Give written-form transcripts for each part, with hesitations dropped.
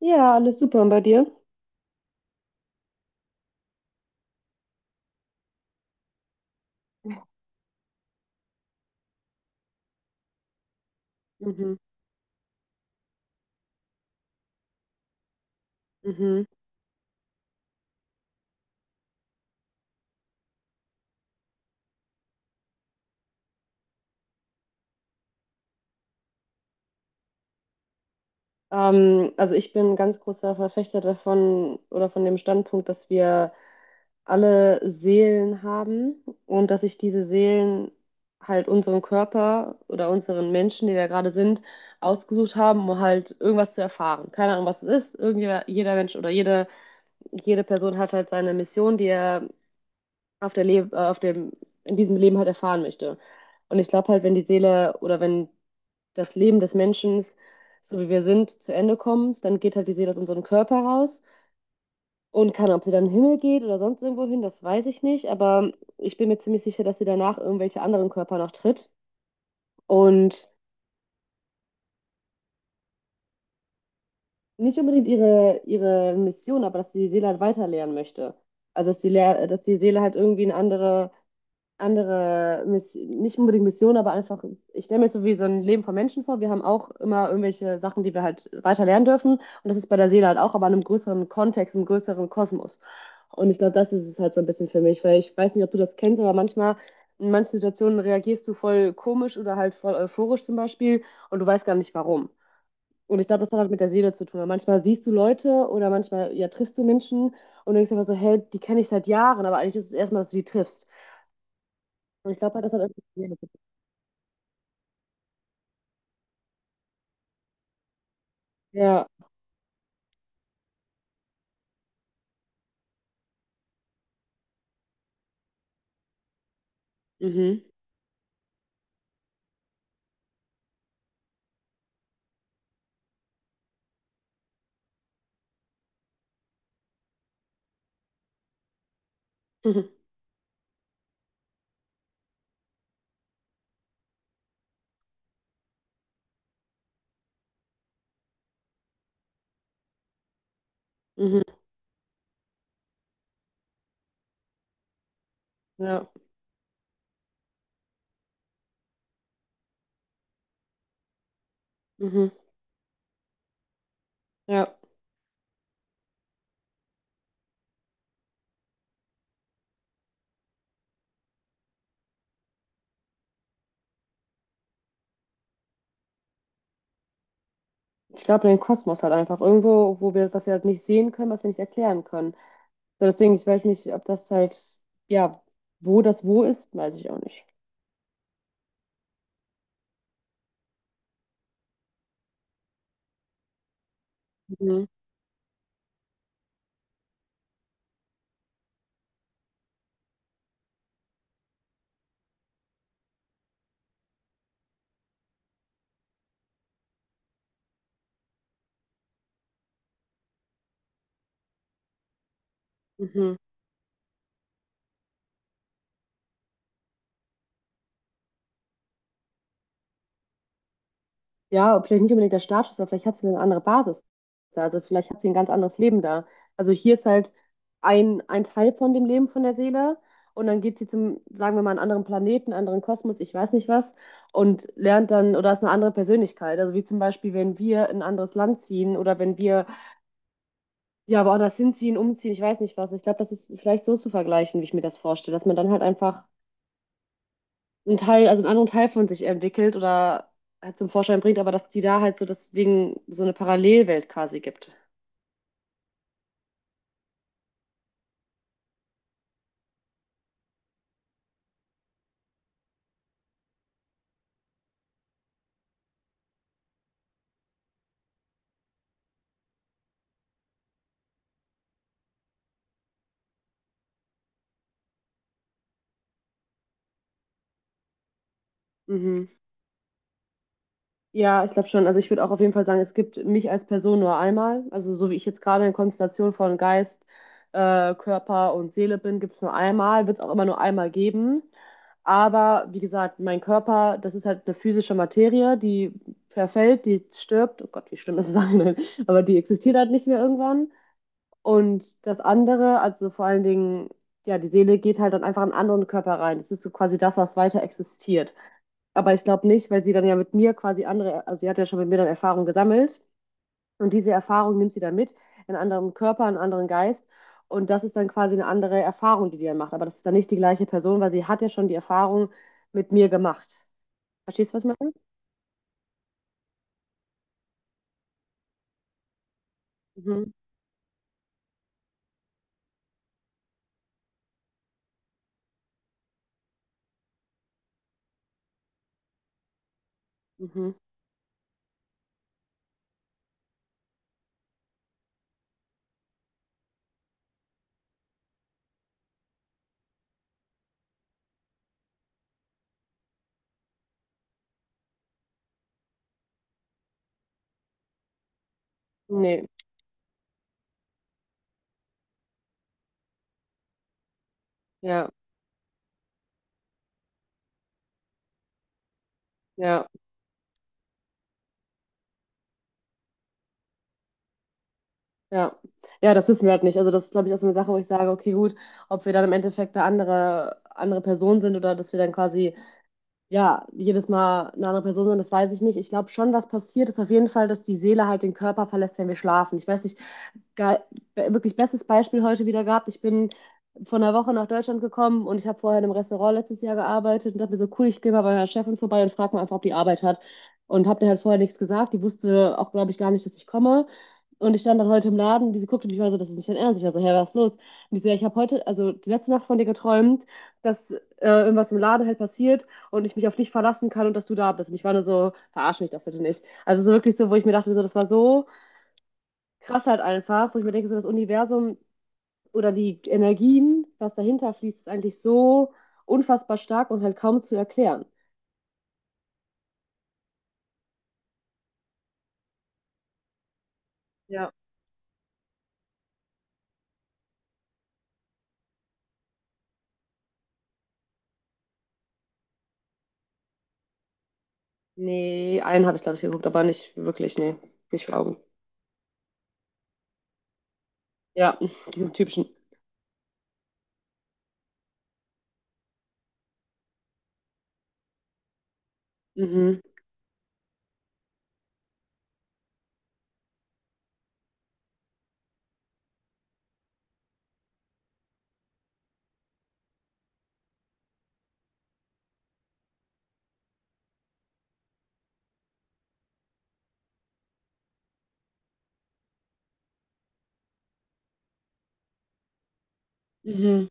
Ja, alles super. Und bei dir? Mhm, mhm. Also ich bin ein ganz großer Verfechter davon oder von dem Standpunkt, dass wir alle Seelen haben und dass sich diese Seelen halt unseren Körper oder unseren Menschen, die wir gerade sind, ausgesucht haben, um halt irgendwas zu erfahren. Keine Ahnung, was es ist. Jeder Mensch oder jede Person hat halt seine Mission, die er auf der Le auf dem, in diesem Leben halt erfahren möchte. Und ich glaube halt, wenn die Seele oder wenn das Leben des Menschen, so wie wir sind, zu Ende kommt, dann geht halt die Seele aus unserem Körper raus. Und kann, ob sie dann in den Himmel geht oder sonst irgendwo hin, das weiß ich nicht. Aber ich bin mir ziemlich sicher, dass sie danach irgendwelche anderen Körper noch tritt. Und nicht unbedingt ihre Mission, aber dass sie die Seele halt weiterlehren möchte. Also dass die, Lehr- dass die Seele halt irgendwie eine andere, Miss nicht unbedingt Mission, aber einfach, ich stelle mir so wie so ein Leben von Menschen vor. Wir haben auch immer irgendwelche Sachen, die wir halt weiter lernen dürfen. Und das ist bei der Seele halt auch, aber in einem größeren Kontext, im größeren Kosmos. Und ich glaube, das ist es halt so ein bisschen für mich, weil ich weiß nicht, ob du das kennst, aber manchmal in manchen Situationen reagierst du voll komisch oder halt voll euphorisch zum Beispiel und du weißt gar nicht warum. Und ich glaube, das hat halt mit der Seele zu tun. Weil manchmal siehst du Leute oder manchmal ja triffst du Menschen und denkst einfach so, hey, die kenne ich seit Jahren, aber eigentlich ist es erstmal, dass du die triffst. Und ich glaube halt, das hat irgendwie Probleme. Ja, mhm. Mhm. Mhm. Ja, mhm. Ja. Ich glaube, den Kosmos halt einfach irgendwo, wo was wir halt nicht sehen können, was wir nicht erklären können. So, deswegen, ich weiß nicht, ob das halt, ja, wo das wo ist, weiß ich auch nicht. Mhm. Mhm. Ja, vielleicht nicht unbedingt der Startschuss, aber vielleicht hat sie eine andere Basis. Also vielleicht hat sie ein ganz anderes Leben da. Also hier ist halt ein Teil von dem Leben von der Seele und dann geht sie zum, sagen wir mal, einen anderen Planeten, einen anderen Kosmos, ich weiß nicht was, und lernt dann oder ist eine andere Persönlichkeit. Also wie zum Beispiel, wenn wir in ein anderes Land ziehen oder wenn wir ja woanders hinziehen, umziehen, ich weiß nicht was. Ich glaube, das ist vielleicht so zu vergleichen, wie ich mir das vorstelle, dass man dann halt einfach einen Teil, also einen anderen Teil von sich entwickelt oder halt zum Vorschein bringt, aber dass die da halt so deswegen so eine Parallelwelt quasi gibt. Mhm. Ja, ich glaube schon. Also ich würde auch auf jeden Fall sagen, es gibt mich als Person nur einmal. Also so wie ich jetzt gerade in Konstellation von Geist, Körper und Seele bin, gibt es nur einmal, wird es auch immer nur einmal geben. Aber wie gesagt, mein Körper, das ist halt eine physische Materie, die verfällt, die stirbt. Oh Gott, wie schlimm ist es eigentlich? Aber die existiert halt nicht mehr irgendwann. Und das andere, also vor allen Dingen, ja, die Seele geht halt dann einfach in einen anderen Körper rein. Das ist so quasi das, was weiter existiert. Aber ich glaube nicht, weil sie dann ja mit mir quasi andere, also sie hat ja schon mit mir dann Erfahrung gesammelt und diese Erfahrung nimmt sie dann mit in einen anderen Körper, in einen anderen Geist und das ist dann quasi eine andere Erfahrung, die die dann macht. Aber das ist dann nicht die gleiche Person, weil sie hat ja schon die Erfahrung mit mir gemacht. Verstehst du, was ich meine? Mhm. Mhm. Nee. Ja. Ja. Ja. Ja, das wissen wir halt nicht. Also das ist, glaube ich, auch so eine Sache, wo ich sage, okay, gut, ob wir dann im Endeffekt eine andere Person sind oder dass wir dann quasi ja, jedes Mal eine andere Person sind, das weiß ich nicht. Ich glaube schon, was passiert, ist auf jeden Fall, dass die Seele halt den Körper verlässt, wenn wir schlafen. Ich weiß nicht, ge- wirklich bestes Beispiel heute wieder gehabt. Ich bin vor einer Woche nach Deutschland gekommen und ich habe vorher in einem Restaurant letztes Jahr gearbeitet und dachte mir so, cool, ich gehe mal bei meiner Chefin vorbei und frage mal einfach, ob die Arbeit hat. Und habe der halt vorher nichts gesagt. Die wusste auch, glaube ich, gar nicht, dass ich komme. Und ich stand dann heute im Laden und diese guckte mich war so, das ist nicht dein Ernst. Ich war so, hey, was ist los? Und die so, ja, ich habe heute, also die letzte Nacht von dir geträumt, dass irgendwas im Laden halt passiert und ich mich auf dich verlassen kann und dass du da bist. Und ich war nur so, verarsch mich doch bitte nicht. Also so wirklich so, wo ich mir dachte, so, das war so krass halt einfach, wo ich mir denke, so das Universum oder die Energien, was dahinter fließt, ist eigentlich so unfassbar stark und halt kaum zu erklären. Ja. Nee, einen habe ich, glaube ich, geguckt, aber nicht wirklich, nee, nicht vor Augen. Ja, diesen typischen. Mhm. Mhm.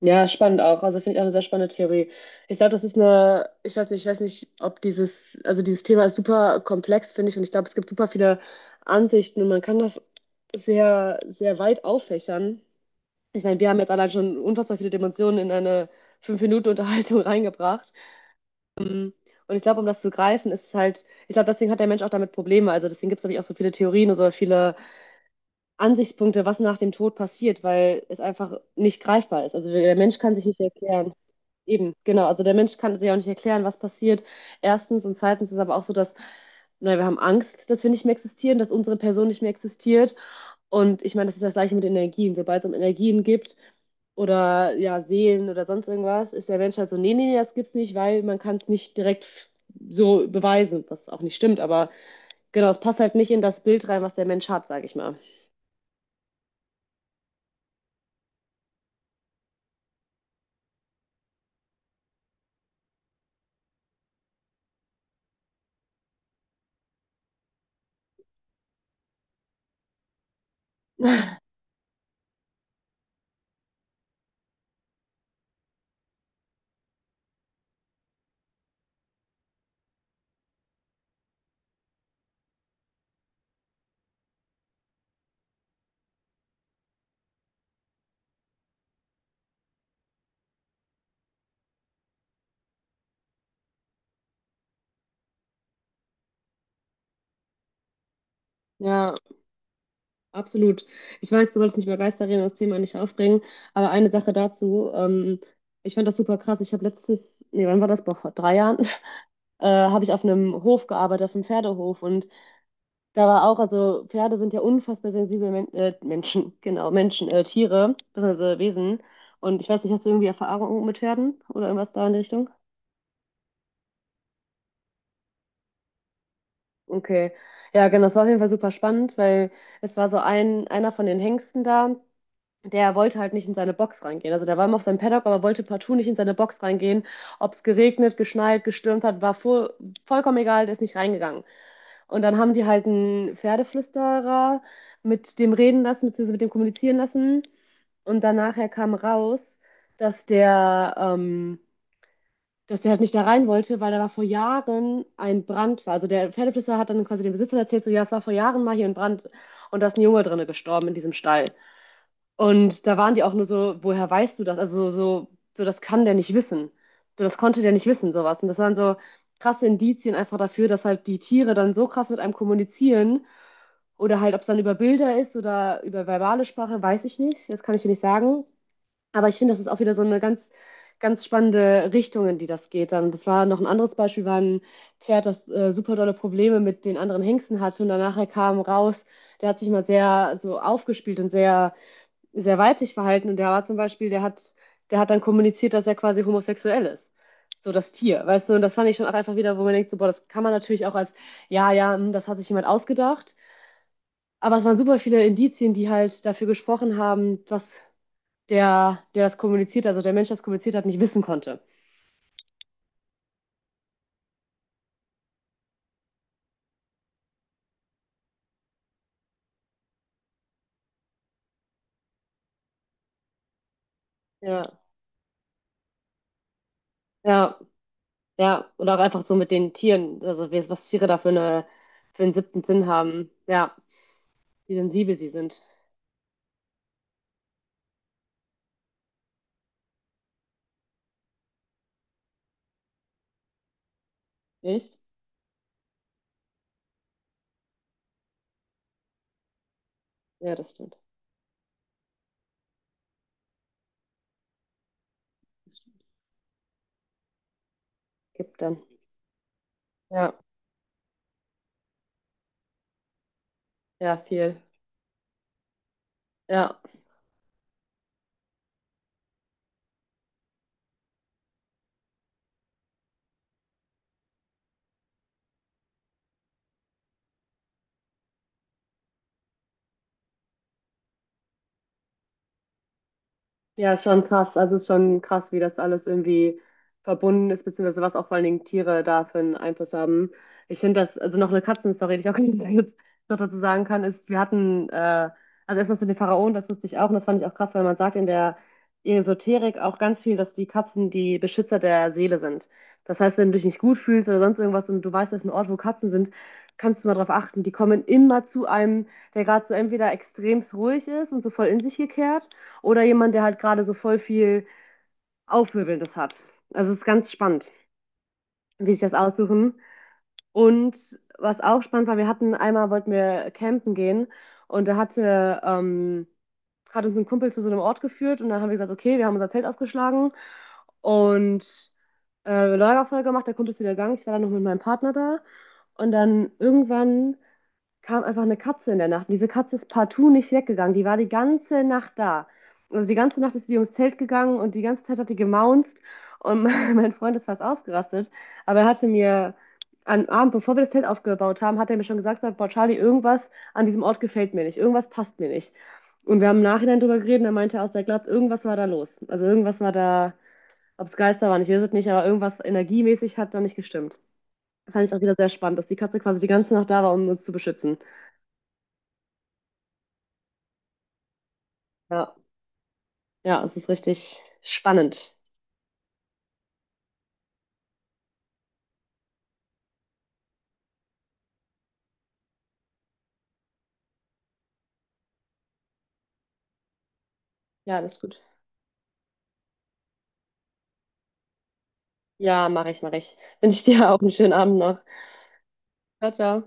Ja, spannend auch. Also finde ich auch eine sehr spannende Theorie. Ich glaube, das ist eine, ich weiß nicht, ob dieses, also dieses Thema ist super komplex, finde ich, und ich glaube, es gibt super viele Ansichten und man kann das sehr, sehr weit auffächern. Ich meine, wir haben jetzt allein schon unfassbar viele Dimensionen in eine 5 Minuten Unterhaltung reingebracht. Ähm, Und ich glaube, um das zu greifen, ist es halt, ich glaube, deswegen hat der Mensch auch damit Probleme. Also deswegen gibt es, glaube auch so viele Theorien und so viele Ansichtspunkte, was nach dem Tod passiert, weil es einfach nicht greifbar ist. Also der Mensch kann sich nicht erklären. Eben, genau. Also der Mensch kann sich auch nicht erklären, was passiert. Erstens und zweitens ist aber auch so, dass na, wir haben Angst, dass wir nicht mehr existieren, dass unsere Person nicht mehr existiert. Und ich meine, das ist das Gleiche mit Energien. Sobald es um Energien gibt oder ja Seelen oder sonst irgendwas, ist der Mensch halt so, nee, nee, nee, das gibt's nicht, weil man kann es nicht direkt so beweisen, was auch nicht stimmt. Aber genau, es passt halt nicht in das Bild rein, was der Mensch hat, sage ich mal. Ja. Absolut. Ich weiß, du wolltest nicht über Geister reden und das Thema nicht aufbringen, aber eine Sache dazu. Ich fand das super krass. Ich habe nee, wann war das? Boah, vor 3 Jahren, habe ich auf einem Hof gearbeitet, auf einem Pferdehof. Und da war auch, also Pferde sind ja unfassbar sensible Menschen, genau, Menschen, Tiere, beziehungsweise Wesen. Und ich weiß nicht, hast du irgendwie Erfahrung mit Pferden oder irgendwas da in die Richtung? Okay, ja, genau, das war auf jeden Fall super spannend, weil es war so einer von den Hengsten da, der wollte halt nicht in seine Box reingehen. Also der war immer auf seinem Paddock, aber wollte partout nicht in seine Box reingehen. Ob es geregnet, geschneit, gestürmt hat, war voll, vollkommen egal, der ist nicht reingegangen. Und dann haben die halt einen Pferdeflüsterer mit dem reden lassen, beziehungsweise mit dem kommunizieren lassen. Und dann nachher kam raus, dass der halt nicht da rein wollte, weil da war vor Jahren ein Brand war. Also der Pferdeflüsterer hat dann quasi dem Besitzer erzählt, so ja, es war vor Jahren mal hier ein Brand und da ist ein Junge drinne gestorben in diesem Stall. Und da waren die auch nur so, woher weißt du das? Also so, so das kann der nicht wissen. So, das konnte der nicht wissen, sowas. Und das waren so krasse Indizien einfach dafür, dass halt die Tiere dann so krass mit einem kommunizieren. Oder halt, ob es dann über Bilder ist oder über verbale Sprache, weiß ich nicht. Das kann ich dir nicht sagen. Aber ich finde, das ist auch wieder so eine ganz, ganz spannende Richtung, in die das geht dann. Das war noch ein anderes Beispiel, war ein Pferd, das super dolle Probleme mit den anderen Hengsten hatte. Und danach kam raus, der hat sich mal sehr so aufgespielt und sehr sehr weiblich verhalten und der war zum Beispiel, der hat dann kommuniziert, dass er quasi homosexuell ist. So das Tier, weißt du, und das fand ich schon auch einfach wieder, wo man denkt, so, boah, das kann man natürlich auch als, ja, ja, hm, das hat sich jemand ausgedacht. Aber es waren super viele Indizien, die halt dafür gesprochen haben, was der, der das kommuniziert, also der Mensch, der das kommuniziert hat, nicht wissen konnte. Ja, ja, ja. Oder auch einfach so mit den Tieren, also was Tiere da für einen siebten Sinn haben. Ja, wie sensibel sie sind. Echt? Ja, das stimmt. Das gibt dann. Ja. Ja, viel. Ja. Ja, ist schon krass. Also ist schon krass, wie das alles irgendwie verbunden ist, beziehungsweise was auch vor allen Dingen Tiere da für einen Einfluss haben. Ich finde das, also noch eine Katzenstory, die ich auch jetzt noch dazu sagen kann, ist, wir hatten, also erstmal mit den Pharaonen, das wusste ich auch und das fand ich auch krass, weil man sagt in der Esoterik auch ganz viel, dass die Katzen die Beschützer der Seele sind. Das heißt, wenn du dich nicht gut fühlst oder sonst irgendwas und du weißt, das ist ein Ort, wo Katzen sind, kannst du mal drauf achten. Die kommen immer zu einem, der gerade so entweder extremst ruhig ist und so voll in sich gekehrt. Oder jemand, der halt gerade so voll viel Aufwirbelndes hat. Also es ist ganz spannend, wie sich das aussuchen. Und was auch spannend war, wir hatten einmal, wollten wir campen gehen und da hat uns ein Kumpel zu so einem Ort geführt und dann haben wir gesagt, okay, wir haben unser Zelt aufgeschlagen und Lagerfeuer gemacht, der Kumpel ist wieder gegangen, ich war dann noch mit meinem Partner da und dann irgendwann kam einfach eine Katze in der Nacht. Und diese Katze ist partout nicht weggegangen. Die war die ganze Nacht da. Also die ganze Nacht ist sie ums Zelt gegangen und die ganze Zeit hat die gemaunzt. Und mein Freund ist fast ausgerastet. Aber er hatte mir am Abend, bevor wir das Zelt aufgebaut haben, hat er mir schon gesagt, sagt, boah, Charlie, irgendwas an diesem Ort gefällt mir nicht. Irgendwas passt mir nicht. Und wir haben im Nachhinein drüber geredet und er meinte aus, er glaubt, irgendwas war da los. Also irgendwas war da, ob es Geister waren, ich weiß es nicht, aber irgendwas energiemäßig hat da nicht gestimmt. Fand ich auch wieder sehr spannend, dass die Katze quasi die ganze Nacht da war, um uns zu beschützen. Ja. Ja, es ist richtig spannend. Ja, das ist gut. Ja, mache ich, mache ich. Wünsche ich dir auch einen schönen Abend noch. Ciao, ciao.